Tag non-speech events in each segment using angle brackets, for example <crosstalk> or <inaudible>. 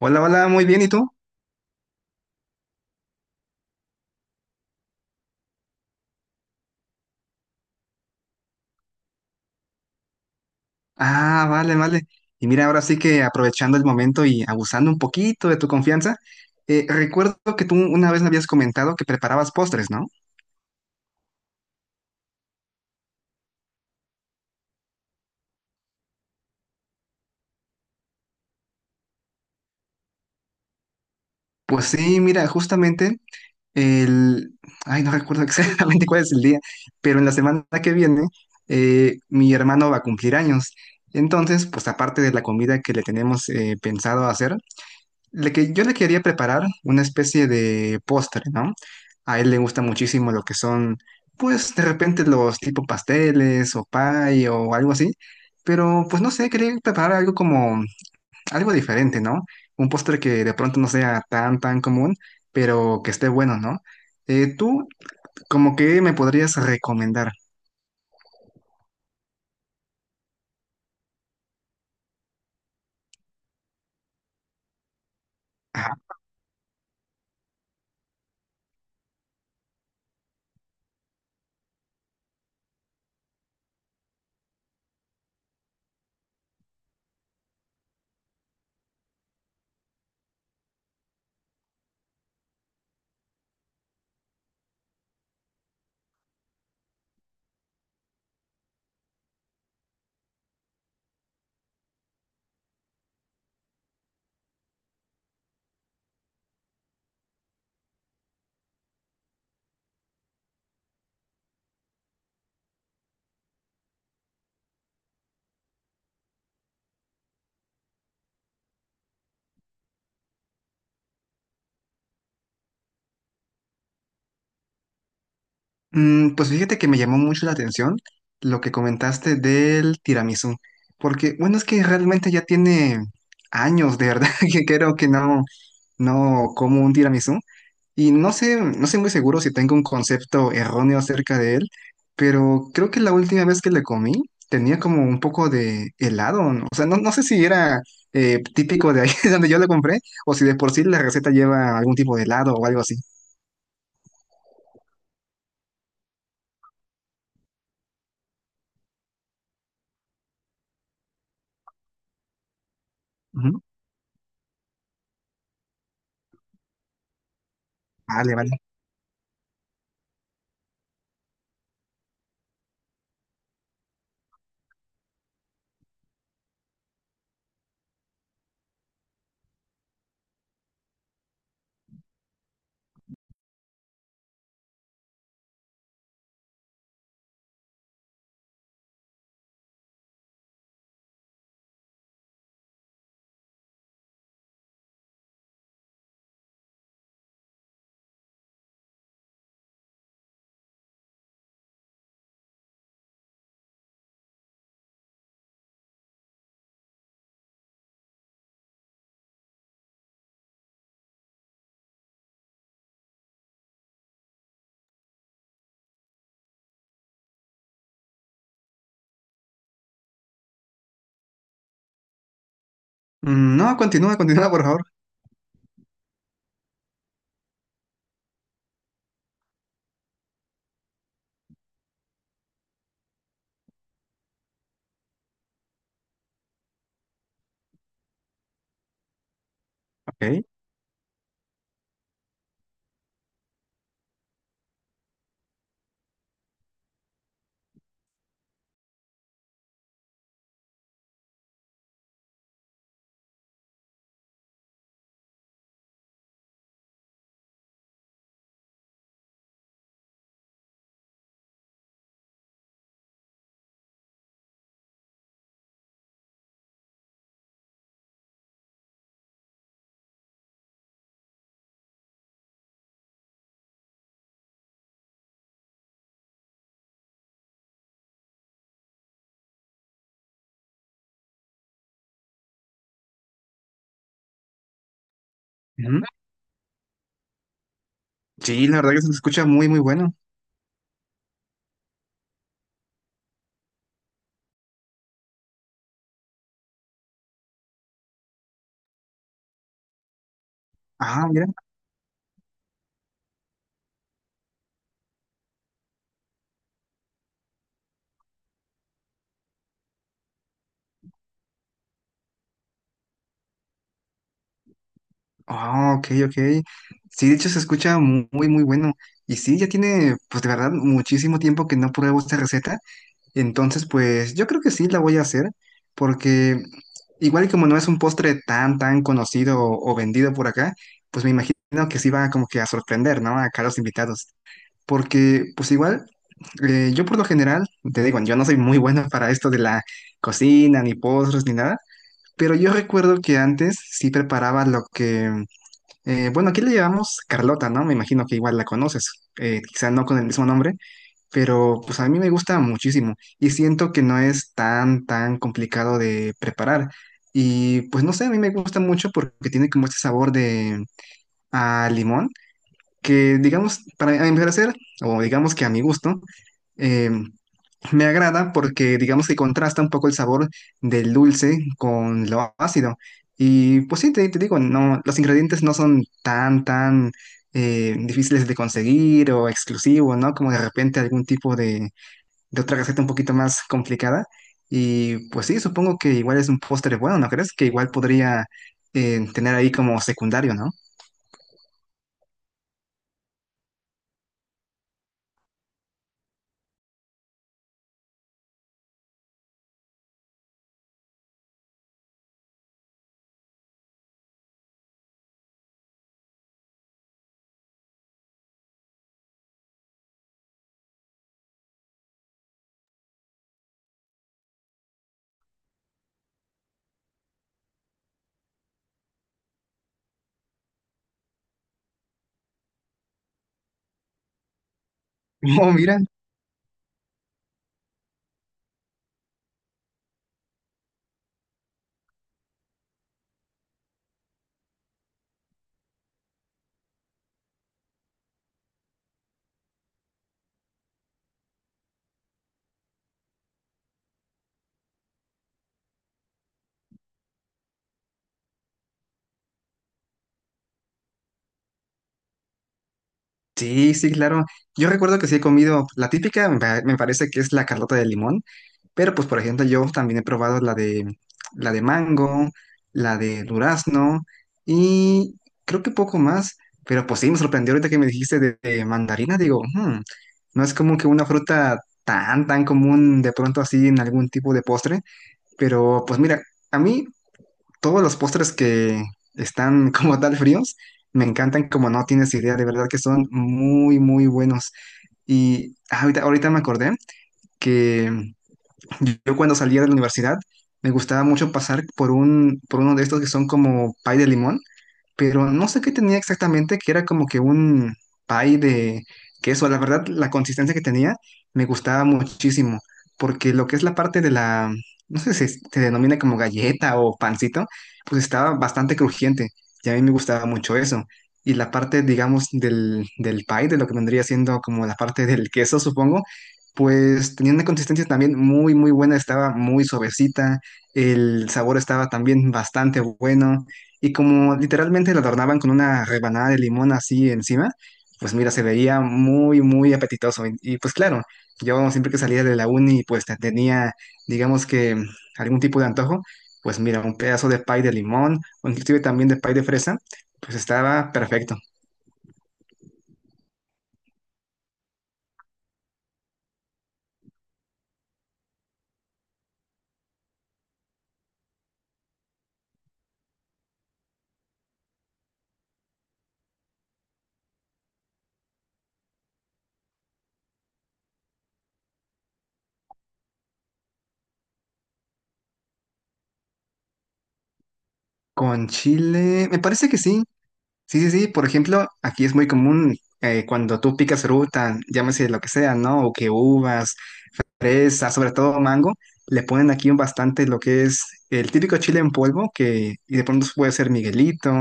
Hola, hola, muy bien, ¿y tú? Ah, vale, vale. Y mira, ahora sí que aprovechando el momento y abusando un poquito de tu confianza, recuerdo que tú una vez me habías comentado que preparabas postres, ¿no? Pues sí, mira, justamente el... ay, no recuerdo <laughs> exactamente cuál es el día, pero en la semana que viene mi hermano va a cumplir años. Entonces, pues aparte de la comida que le tenemos pensado hacer, Le que yo le quería preparar una especie de postre, ¿no? A él le gusta muchísimo lo que son, pues de repente los tipo pasteles o pie o algo así, pero pues no sé, quería preparar algo como algo diferente, ¿no? Un postre que de pronto no sea tan común, pero que esté bueno, ¿no? Tú, ¿como que me podrías recomendar? Mm, pues fíjate que me llamó mucho la atención lo que comentaste del tiramisú, porque bueno, es que realmente ya tiene años, de verdad, <laughs> que creo que no, no como un tiramisú y no sé, no sé muy seguro si tengo un concepto erróneo acerca de él, pero creo que la última vez que le comí tenía como un poco de helado, ¿no? O sea, no, no sé si era típico de ahí <laughs> donde yo lo compré o si de por sí la receta lleva algún tipo de helado o algo así. Ujú. Vale, vale. Mm, no, continúa, continúa, por favor. Ok. Ujú. Sí, la verdad que se escucha muy, muy bueno. Ah, mira. Ah, ok, ok. Sí, de hecho se escucha muy, muy bueno. Y sí, ya tiene, pues de verdad, muchísimo tiempo que no pruebo esta receta. Entonces, pues yo creo que sí la voy a hacer, porque igual y como no es un postre tan, tan conocido o vendido por acá, pues me imagino que sí va como que a sorprender, ¿no? Acá los invitados. Porque, pues igual, yo por lo general, te digo, yo no soy muy bueno para esto de la cocina, ni postres, ni nada. Pero yo recuerdo que antes sí preparaba lo que, bueno, aquí le llamamos Carlota, ¿no? Me imagino que igual la conoces, quizá no con el mismo nombre, pero pues a mí me gusta muchísimo y siento que no es tan, tan complicado de preparar. Y pues no sé, a mí me gusta mucho porque tiene como este sabor de a limón, que digamos, para a mi parecer, o digamos que a mi gusto, eh, me agrada porque digamos que contrasta un poco el sabor del dulce con lo ácido. Y pues sí, te digo, no, los ingredientes no son tan, tan difíciles de conseguir o exclusivos, ¿no? Como de repente algún tipo de otra receta un poquito más complicada. Y pues sí, supongo que igual es un postre bueno, ¿no crees? Que igual podría tener ahí como secundario, ¿no? <laughs> Oh, mira. Sí, sí, claro. Yo recuerdo que sí he comido la típica, me parece que es la carlota de limón, pero pues por ejemplo yo también he probado la de mango, la de durazno y creo que poco más, pero pues sí me sorprendió ahorita que me dijiste de mandarina, digo, "Hmm, no es como que una fruta tan común de pronto así en algún tipo de postre, pero pues mira, a mí todos los postres que están <laughs> como tal fríos, me encantan como no tienes idea, de verdad que son muy, muy buenos. Y ahorita, ahorita me acordé que yo cuando salía de la universidad me gustaba mucho pasar por por uno de estos que son como pay de limón pero no sé qué tenía exactamente, que era como que un pie de queso. La verdad, la consistencia que tenía me gustaba muchísimo, porque lo que es la parte de la, no sé si se denomina como galleta o pancito, pues estaba bastante crujiente y a mí me gustaba mucho eso. Y la parte, digamos, del, del pie, de lo que vendría siendo como la parte del queso, supongo, pues tenía una consistencia también muy, muy buena, estaba muy suavecita, el sabor estaba también bastante bueno y como literalmente lo adornaban con una rebanada de limón así encima, pues mira, se veía muy, muy apetitoso. Y, pues claro, yo siempre que salía de la uni, pues tenía, digamos que mm, algún tipo de antojo, pues mira, un pedazo de pie de limón, o inclusive también de pie de fresa, pues estaba perfecto. Con chile, me parece que sí, sí, sí, sí. Por ejemplo, aquí es muy común cuando tú picas fruta, llámese lo que sea, ¿no? O que uvas, fresa, sobre todo mango, le ponen aquí un bastante lo que es el típico chile en polvo, que y de pronto puede ser Miguelito,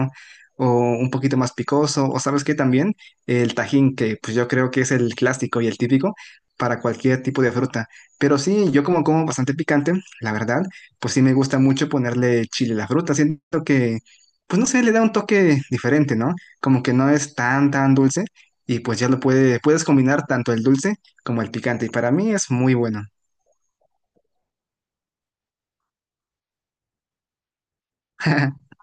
o un poquito más picoso, o sabes qué también, el tajín, que pues yo creo que es el clásico y el típico para cualquier tipo de fruta. Pero sí, yo como como bastante picante, la verdad, pues sí me gusta mucho ponerle chile a la fruta. Siento que pues no sé, le da un toque diferente, ¿no? Como que no es tan, tan dulce y pues ya lo puede, puedes combinar tanto el dulce como el picante y para mí es muy bueno. <laughs>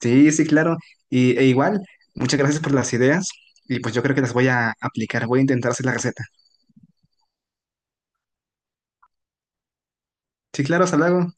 Sí, sí, claro. Y, e igual, muchas gracias por las ideas y pues yo creo que las voy a aplicar, voy a intentar hacer la receta. Sí, claro, hasta luego.